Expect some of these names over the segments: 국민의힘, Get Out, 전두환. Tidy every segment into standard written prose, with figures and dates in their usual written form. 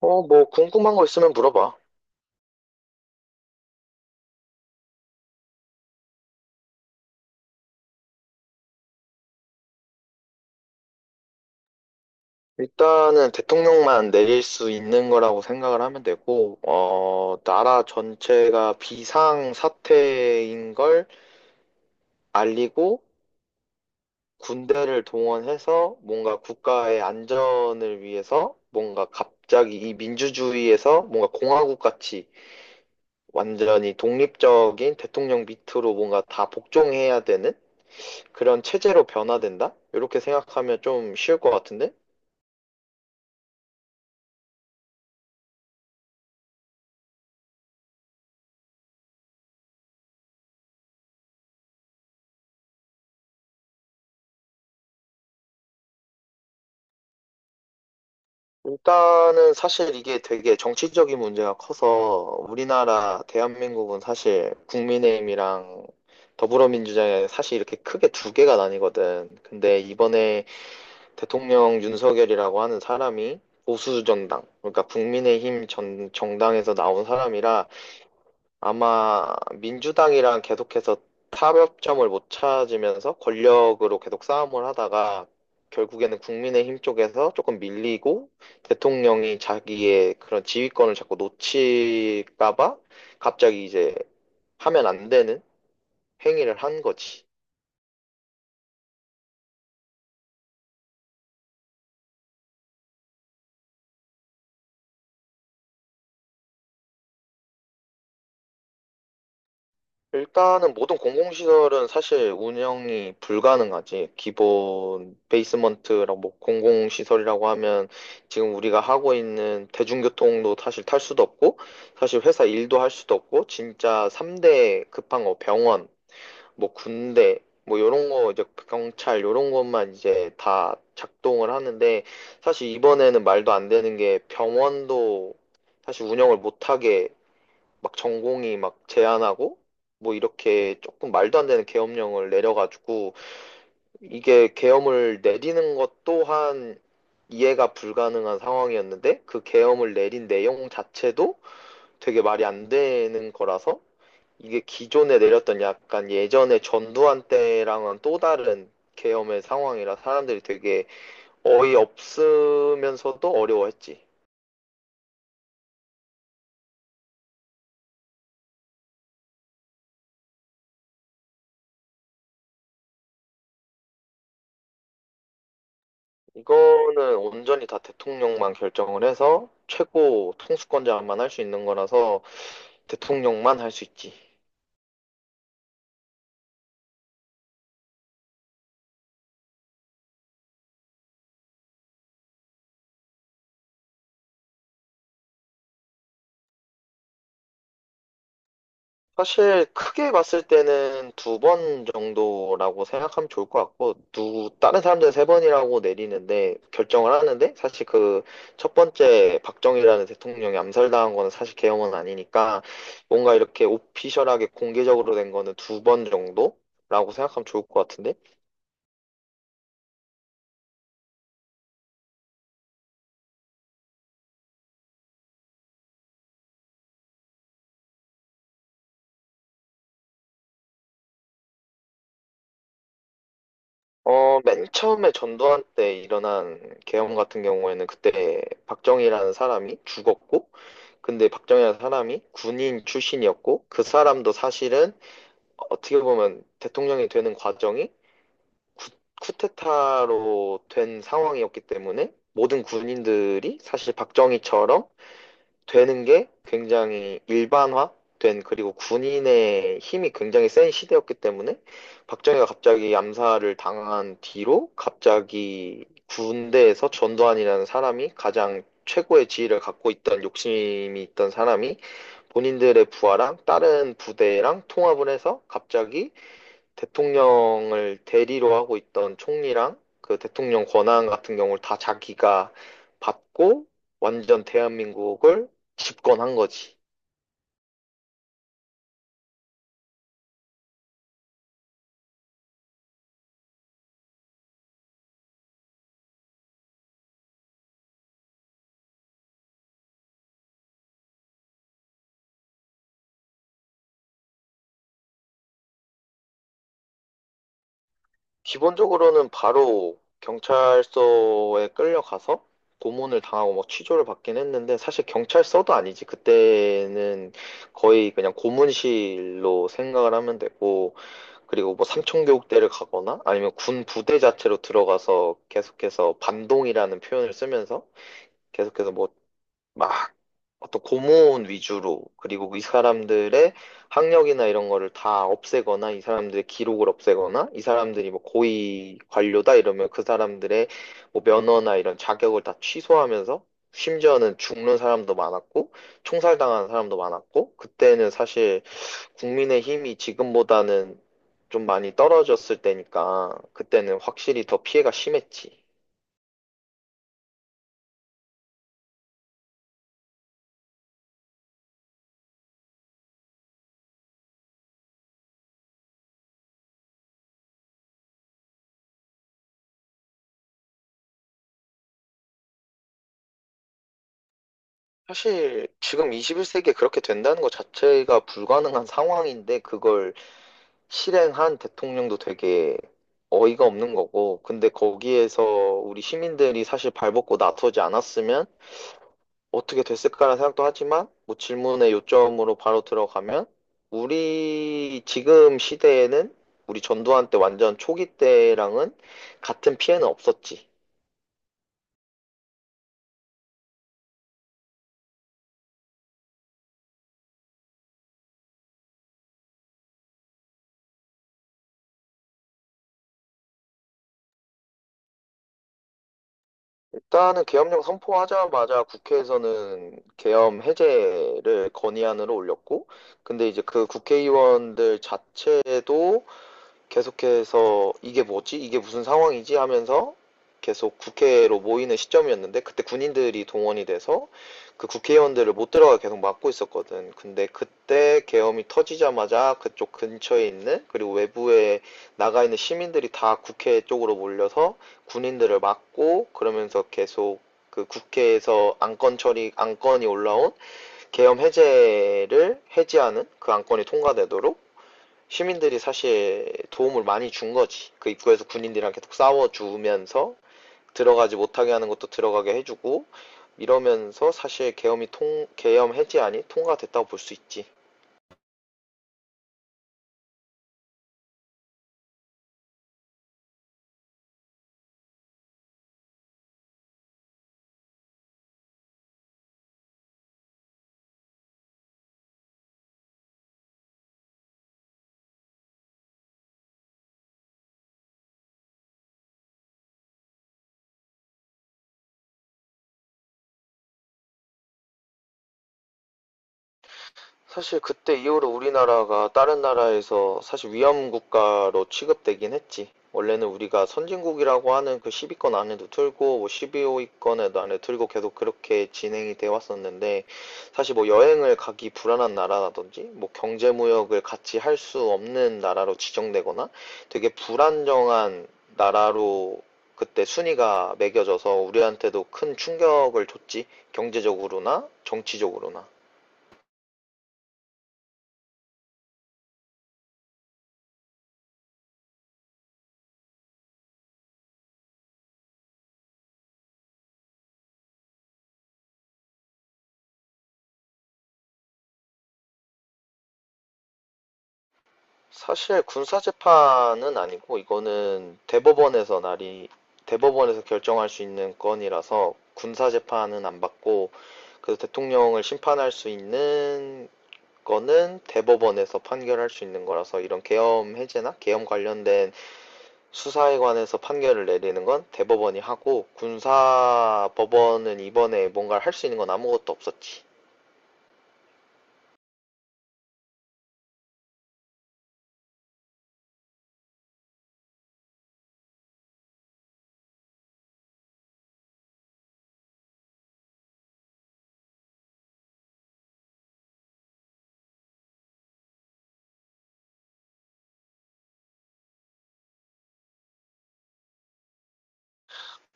어, 뭐 궁금한 거 있으면 물어봐. 일단은 대통령만 내릴 수 있는 거라고 생각을 하면 되고, 나라 전체가 비상 사태인 걸 알리고 군대를 동원해서 뭔가 국가의 안전을 위해서 뭔가 갑자기 이 민주주의에서 뭔가 공화국 같이 완전히 독립적인 대통령 밑으로 뭔가 다 복종해야 되는 그런 체제로 변화된다? 이렇게 생각하면 좀 쉬울 것 같은데? 일단은 사실 이게 되게 정치적인 문제가 커서 우리나라 대한민국은 사실 국민의힘이랑 더불어민주당이 사실 이렇게 크게 두 개가 나뉘거든. 근데 이번에 대통령 윤석열이라고 하는 사람이 보수 정당, 그러니까 국민의힘 정당에서 나온 사람이라 아마 민주당이랑 계속해서 타협점을 못 찾으면서 권력으로 계속 싸움을 하다가 결국에는 국민의힘 쪽에서 조금 밀리고 대통령이 자기의 그런 지휘권을 자꾸 놓칠까 봐 갑자기 이제 하면 안 되는 행위를 한 거지. 일단은 모든 공공시설은 사실 운영이 불가능하지. 기본 베이스먼트라고 뭐 공공시설이라고 하면 지금 우리가 하고 있는 대중교통도 사실 탈 수도 없고, 사실 회사 일도 할 수도 없고, 진짜 3대 급한 거 병원, 뭐 군대, 뭐 요런 거 이제 경찰 요런 것만 이제 다 작동을 하는데, 사실 이번에는 말도 안 되는 게 병원도 사실 운영을 못하게 막 전공이 막 제한하고 뭐 이렇게 조금 말도 안 되는 계엄령을 내려가지고 이게 계엄을 내리는 것 또한 이해가 불가능한 상황이었는데, 그 계엄을 내린 내용 자체도 되게 말이 안 되는 거라서 이게 기존에 내렸던 약간 예전에 전두환 때랑은 또 다른 계엄의 상황이라 사람들이 되게 어이없으면서도 어려워했지. 이거는 온전히 다 대통령만 결정을 해서 최고 통수권자만 할 수 있는 거라서 대통령만 할 수 있지. 사실 크게 봤을 때는 두 번 정도라고 생각하면 좋을 것 같고, 다른 사람들은 세 번이라고 내리는데, 결정을 하는데, 사실 그 첫 번째 박정희라는 대통령이 암살당한 거는 사실 계엄은 아니니까, 뭔가 이렇게 오피셜하게 공개적으로 된 거는 두 번 정도라고 생각하면 좋을 것 같은데? 맨 처음에 전두환 때 일어난 계엄 같은 경우에는 그때 박정희라는 사람이 죽었고, 근데 박정희라는 사람이 군인 출신이었고, 그 사람도 사실은 어떻게 보면 대통령이 되는 과정이 쿠, 쿠데타로 된 상황이었기 때문에 모든 군인들이 사실 박정희처럼 되는 게 굉장히 일반화된, 그리고 군인의 힘이 굉장히 센 시대였기 때문에 박정희가 갑자기 암살을 당한 뒤로 갑자기 군대에서 전두환이라는 사람이 가장 최고의 지위를 갖고 있던, 욕심이 있던 사람이 본인들의 부하랑 다른 부대랑 통합을 해서 갑자기 대통령을 대리로 하고 있던 총리랑 그 대통령 권한 같은 경우를 다 자기가 받고 완전 대한민국을 집권한 거지. 기본적으로는 바로 경찰서에 끌려가서 고문을 당하고 뭐 취조를 받긴 했는데, 사실 경찰서도 아니지. 그때는 거의 그냥 고문실로 생각을 하면 되고 그리고 뭐 삼청교육대를 가거나 아니면 군 부대 자체로 들어가서 계속해서 반동이라는 표현을 쓰면서 계속해서 뭐, 막, 어떤 고문 위주로, 그리고 이 사람들의 학력이나 이런 거를 다 없애거나, 이 사람들의 기록을 없애거나, 이 사람들이 뭐 고위 관료다 이러면 그 사람들의 뭐 면허나 이런 자격을 다 취소하면서, 심지어는 죽는 사람도 많았고, 총살당한 사람도 많았고, 그때는 사실 국민의 힘이 지금보다는 좀 많이 떨어졌을 때니까, 그때는 확실히 더 피해가 심했지. 사실 지금 21세기에 그렇게 된다는 것 자체가 불가능한 상황인데 그걸 실행한 대통령도 되게 어이가 없는 거고, 근데 거기에서 우리 시민들이 사실 발벗고 나서지 않았으면 어떻게 됐을까라는 생각도 하지만, 뭐 질문의 요점으로 바로 들어가면 우리 지금 시대에는 우리 전두환 때 완전 초기 때랑은 같은 피해는 없었지. 일단은 계엄령 선포하자마자 국회에서는 계엄 해제를 건의안으로 올렸고, 근데 이제 그 국회의원들 자체도 계속해서 이게 뭐지? 이게 무슨 상황이지? 하면서 계속 국회로 모이는 시점이었는데, 그때 군인들이 동원이 돼서 그 국회의원들을 못 들어가 계속 막고 있었거든. 근데 그때 계엄이 터지자마자 그쪽 근처에 있는, 그리고 외부에 나가 있는 시민들이 다 국회 쪽으로 몰려서 군인들을 막고 그러면서 계속 그 국회에서 안건 처리, 안건이 올라온 계엄 해제를 해제하는 그 안건이 통과되도록 시민들이 사실 도움을 많이 준 거지. 그 입구에서 군인들이랑 계속 싸워주면서 들어가지 못하게 하는 것도 들어가게 해주고 이러면서 사실 계엄 해제안이 통과됐다고 볼 수 있지. 사실 그때 이후로 우리나라가 다른 나라에서 사실 위험 국가로 취급되긴 했지. 원래는 우리가 선진국이라고 하는 그 10위권 안에도 들고 뭐 12위권에도 안에 들고 계속 그렇게 진행이 되어 왔었는데, 사실 뭐 여행을 가기 불안한 나라라든지 뭐 경제 무역을 같이 할 수 없는 나라로 지정되거나 되게 불안정한 나라로 그때 순위가 매겨져서 우리한테도 큰 충격을 줬지. 경제적으로나 정치적으로나. 사실 군사 재판은 아니고 이거는 대법원에서 결정할 수 있는 건이라서 군사 재판은 안 받고, 그 대통령을 심판할 수 있는 거는 대법원에서 판결할 수 있는 거라서 이런 계엄 해제나 계엄 관련된 수사에 관해서 판결을 내리는 건 대법원이 하고, 군사 법원은 이번에 뭔가를 할 수 있는 건 아무것도 없었지.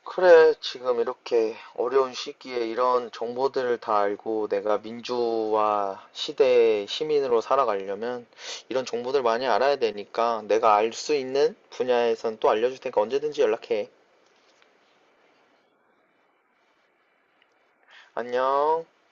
그래, 지금 이렇게 어려운 시기에 이런 정보들을 다 알고 내가 민주화 시대의 시민으로 살아가려면 이런 정보들 많이 알아야 되니까 내가 알 수 있는 분야에선 또 알려줄 테니까 언제든지 연락해. 안녕.